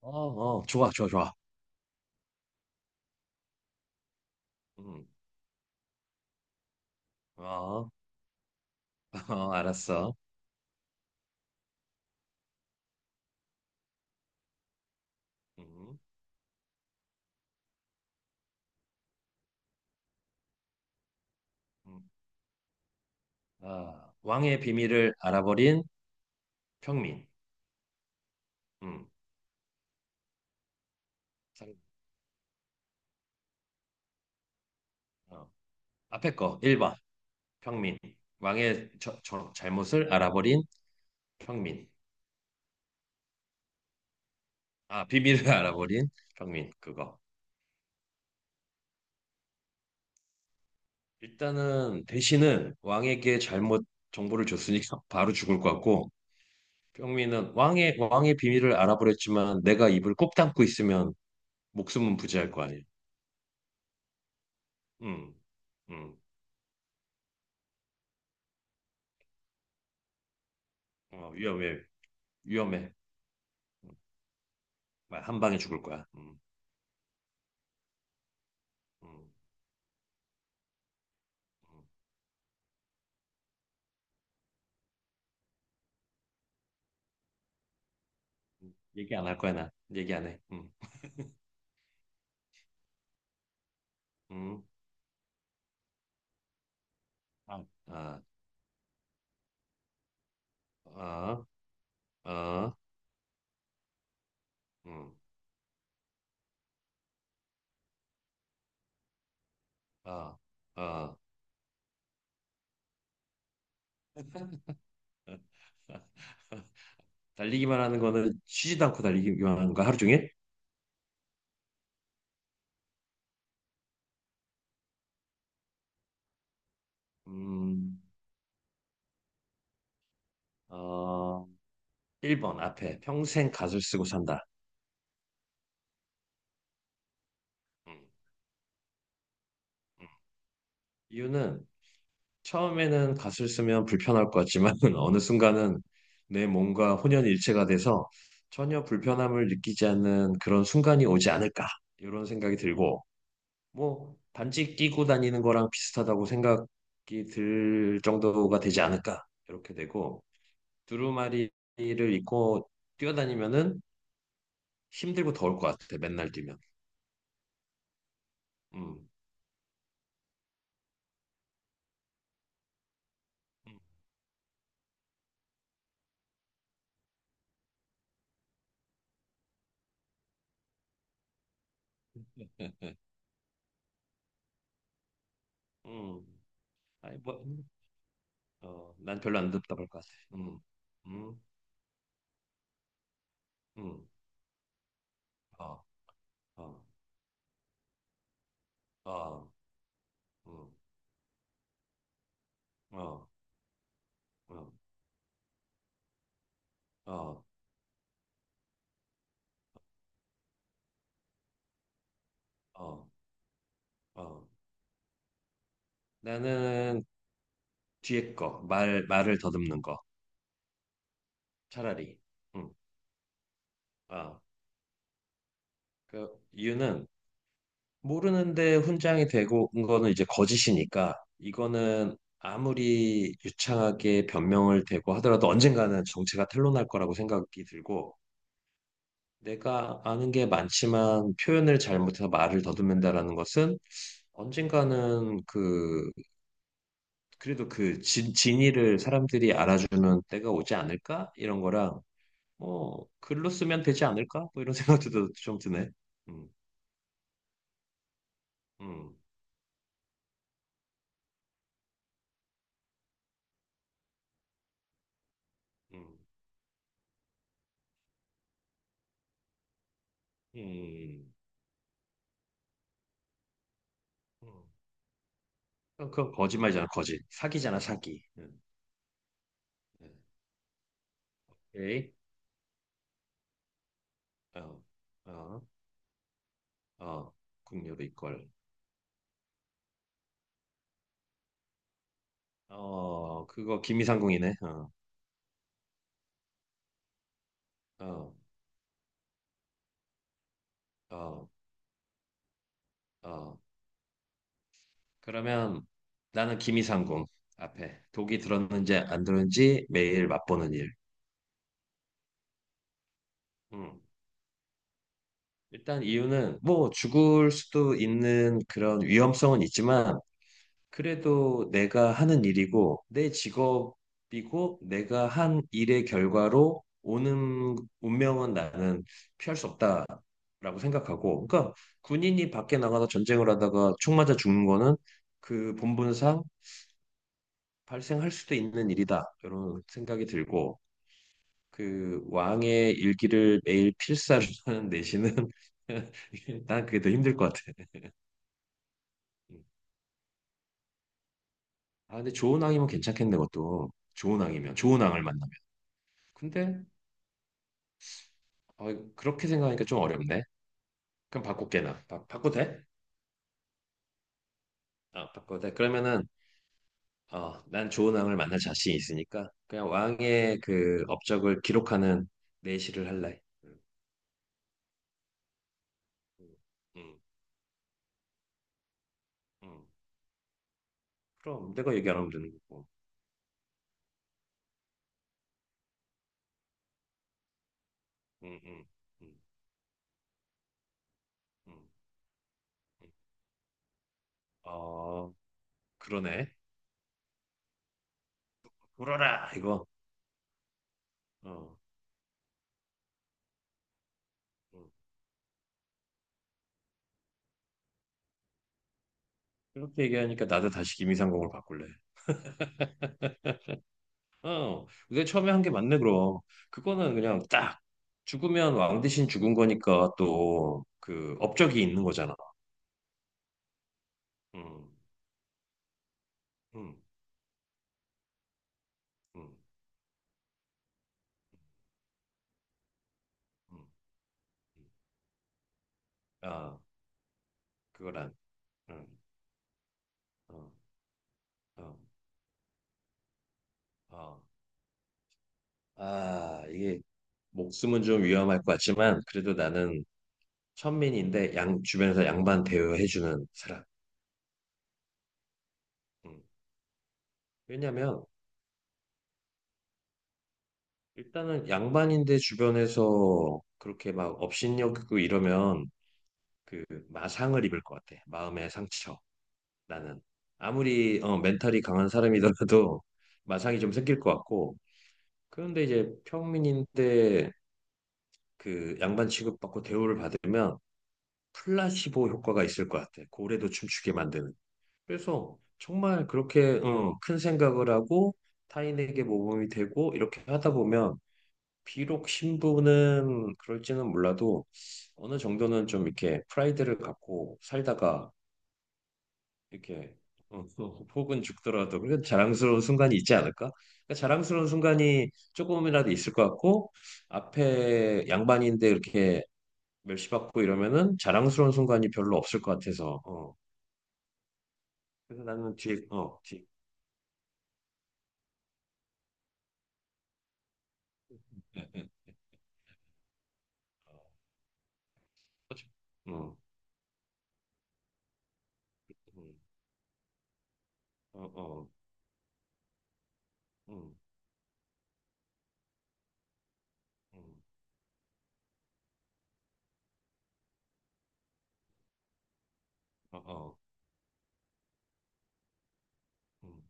어, 어, 좋아, 좋아, 좋아. 음, 어, 어, 알았어. 음, 음. 아, 왕의 비밀을 알아버린 평민. 음, 상- 어, 앞에 거 1번 평민. 왕의 잘못을 알아버린 평민. 아, 비밀을 알아버린 평민. 그거. 일단은 대신은 왕에게 잘못 정보를 줬으니까 바로 죽을 것 같고, 평민은 왕의 비밀을 알아버렸지만 내가 입을 꼭 담고 있으면 목숨은 부재할 거 아니야. 음, 음, 어, 위험해, 위험해. 음, 한 방에 죽을 거야. 음, 얘기 안 할 거야, 나. 얘기 안 해. 음, 아, 아, 아, 아, 음, 아, 아. 달리기만 하는 거는 쉬지도 않고 달리기만 하는 거 하루 종일? 음, 어, 1번 앞에 평생 갓을 쓰고 산다. 음, 음. 이유는 처음에는 갓을 쓰면 불편할 것 같지만 어느 순간은 내 몸과 혼연일체가 돼서 전혀 불편함을 느끼지 않는 그런 순간이 오지 않을까 이런 생각이 들고 뭐 반지 끼고 다니는 거랑 비슷하다고 생각이 들 정도가 되지 않을까 이렇게 되고 두루마리를 입고 뛰어다니면은 힘들고 더울 것 같아 맨날 뛰면 음, 음, 음. 아니 뭐, 어, 난 별로 안 답답할 것 같아 음, 음, 음. 어. 어. 어, 음, 어, 음, 어, 어, 어. 나는 뒤에 거, 말을 더듬는 거. 차라리. 음, 아, 그 이유는 모르는데 훈장이 되고 온 거는 이제 거짓이니까 이거는 아무리 유창하게 변명을 대고 하더라도 언젠가는 정체가 탄로날 거라고 생각이 들고 내가 아는 게 많지만 표현을 잘못해서 말을 더듬는다라는 것은 언젠가는 그 그래도 그 진위를 사람들이 알아주는 때가 오지 않을까? 이런 거랑 뭐 글로 쓰면 되지 않을까? 뭐 이런 생각도 좀 드네. 음, 음, 음, 음, 음. 그건 거짓말이잖아, 거짓. 사기잖아, 사기. 음. 에이, 어, 어, 어, 국료로 이걸. 어, 그거 김이상궁이네. 어, 어, 어, 어. 그러면 나는 김이상궁 앞에 독이 들었는지 안 들었는지 매일 맛보는 일. 음. 일단 이유는 뭐 죽을 수도 있는 그런 위험성은 있지만 그래도 내가 하는 일이고 내 직업이고 내가 한 일의 결과로 오는 운명은 나는 피할 수 없다라고 생각하고 그러니까 군인이 밖에 나가서 전쟁을 하다가 총 맞아 죽는 거는 그 본분상 발생할 수도 있는 일이다 이런 생각이 들고 그 왕의 일기를 매일 필사를 하는 내신은 난 그게 더 힘들 것 같아. 음. 아, 근데 좋은 왕이면 괜찮겠네, 그것도. 좋은 왕이면, 좋은 왕을 만나면. 근데, 어, 그렇게 생각하니까 좀 어렵네. 그럼 바꿀게나. 바꿔도 돼? 어, 바꿔도 돼. 그러면은, 어, 난 좋은 왕을 만날 자신이 있으니까, 그냥 왕의 그 업적을 기록하는 내시를 할래. 음, 음, 음. 그럼 내가 얘기 안 하면 되는 거고. 음, 음, 음, 음, 음. 어, 그러네. 울어라, 이거. 어, 음. 그렇게 얘기하니까 나도 다시 김이상공을 바꿀래. 어, 내가 처음에 한 게 맞네, 그럼. 그거는 그냥 딱 죽으면 왕 대신 죽은 거니까 또 그 업적이 있는 거잖아. 음, 음, 음, 음. 음. 아, 그거란. 음, 어, 어, 어. 아, 이게 목숨은 좀 위험할 것 같지만 그래도 나는 천민인데 양 주변에서 양반 대우해주는 사람. 음. 왜냐면 일단은 양반인데 주변에서 그렇게 막 업신여기고 이러면 그 마상을 입을 것 같아. 마음의 상처. 나는 아무리 멘탈이 강한 사람이더라도 마상이 좀 생길 것 같고. 그런데 이제 평민인데 그 양반 취급받고 대우를 받으면 플라시보 효과가 있을 것 같아. 고래도 춤추게 만드는. 그래서 정말 그렇게 큰 생각을 하고 타인에게 모범이 되고 이렇게 하다 보면 비록 신부는 그럴지는 몰라도 어느 정도는 좀 이렇게 프라이드를 갖고 살다가 이렇게 또 혹은 죽더라도 그런 자랑스러운 순간이 있지 않을까? 그러니까 자랑스러운 순간이 조금이라도 있을 것 같고 앞에 양반인데 이렇게 멸시받고 이러면은 자랑스러운 순간이 별로 없을 것 같아서 어. 그래서 나는 뒤에 어, 그치? 어, 어, 어, 음, 음, 어, 어, 음.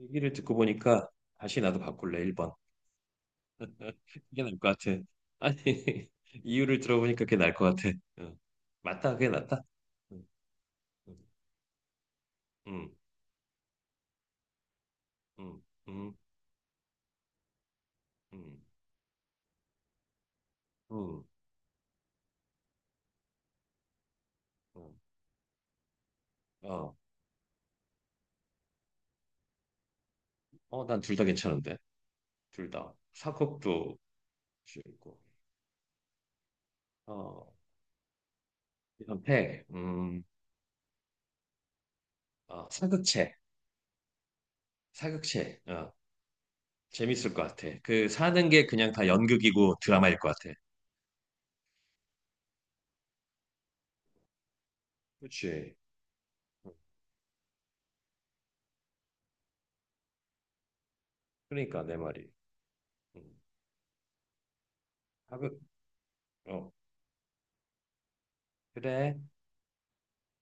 얘기를 듣고 보니까 다시 나도 바꿀래 1번. 그게 나을 것 같아. 아니 이유를 들어보니까 그게 나을 것 같아. 어. 맞다, 그게 낫다. 음, 음, 음, 음, 음, 음. 어, 어, 난 둘 다 괜찮은데. 둘 다. 사극도 재밌고. 어, 현태, 어, 사극체, 사극체. 어, 재밌을 것 같아. 그 사는 게 그냥 다 연극이고 드라마일 것 같아. 그치. 그러니까 내 말이. 음, 사극, 어, 그래.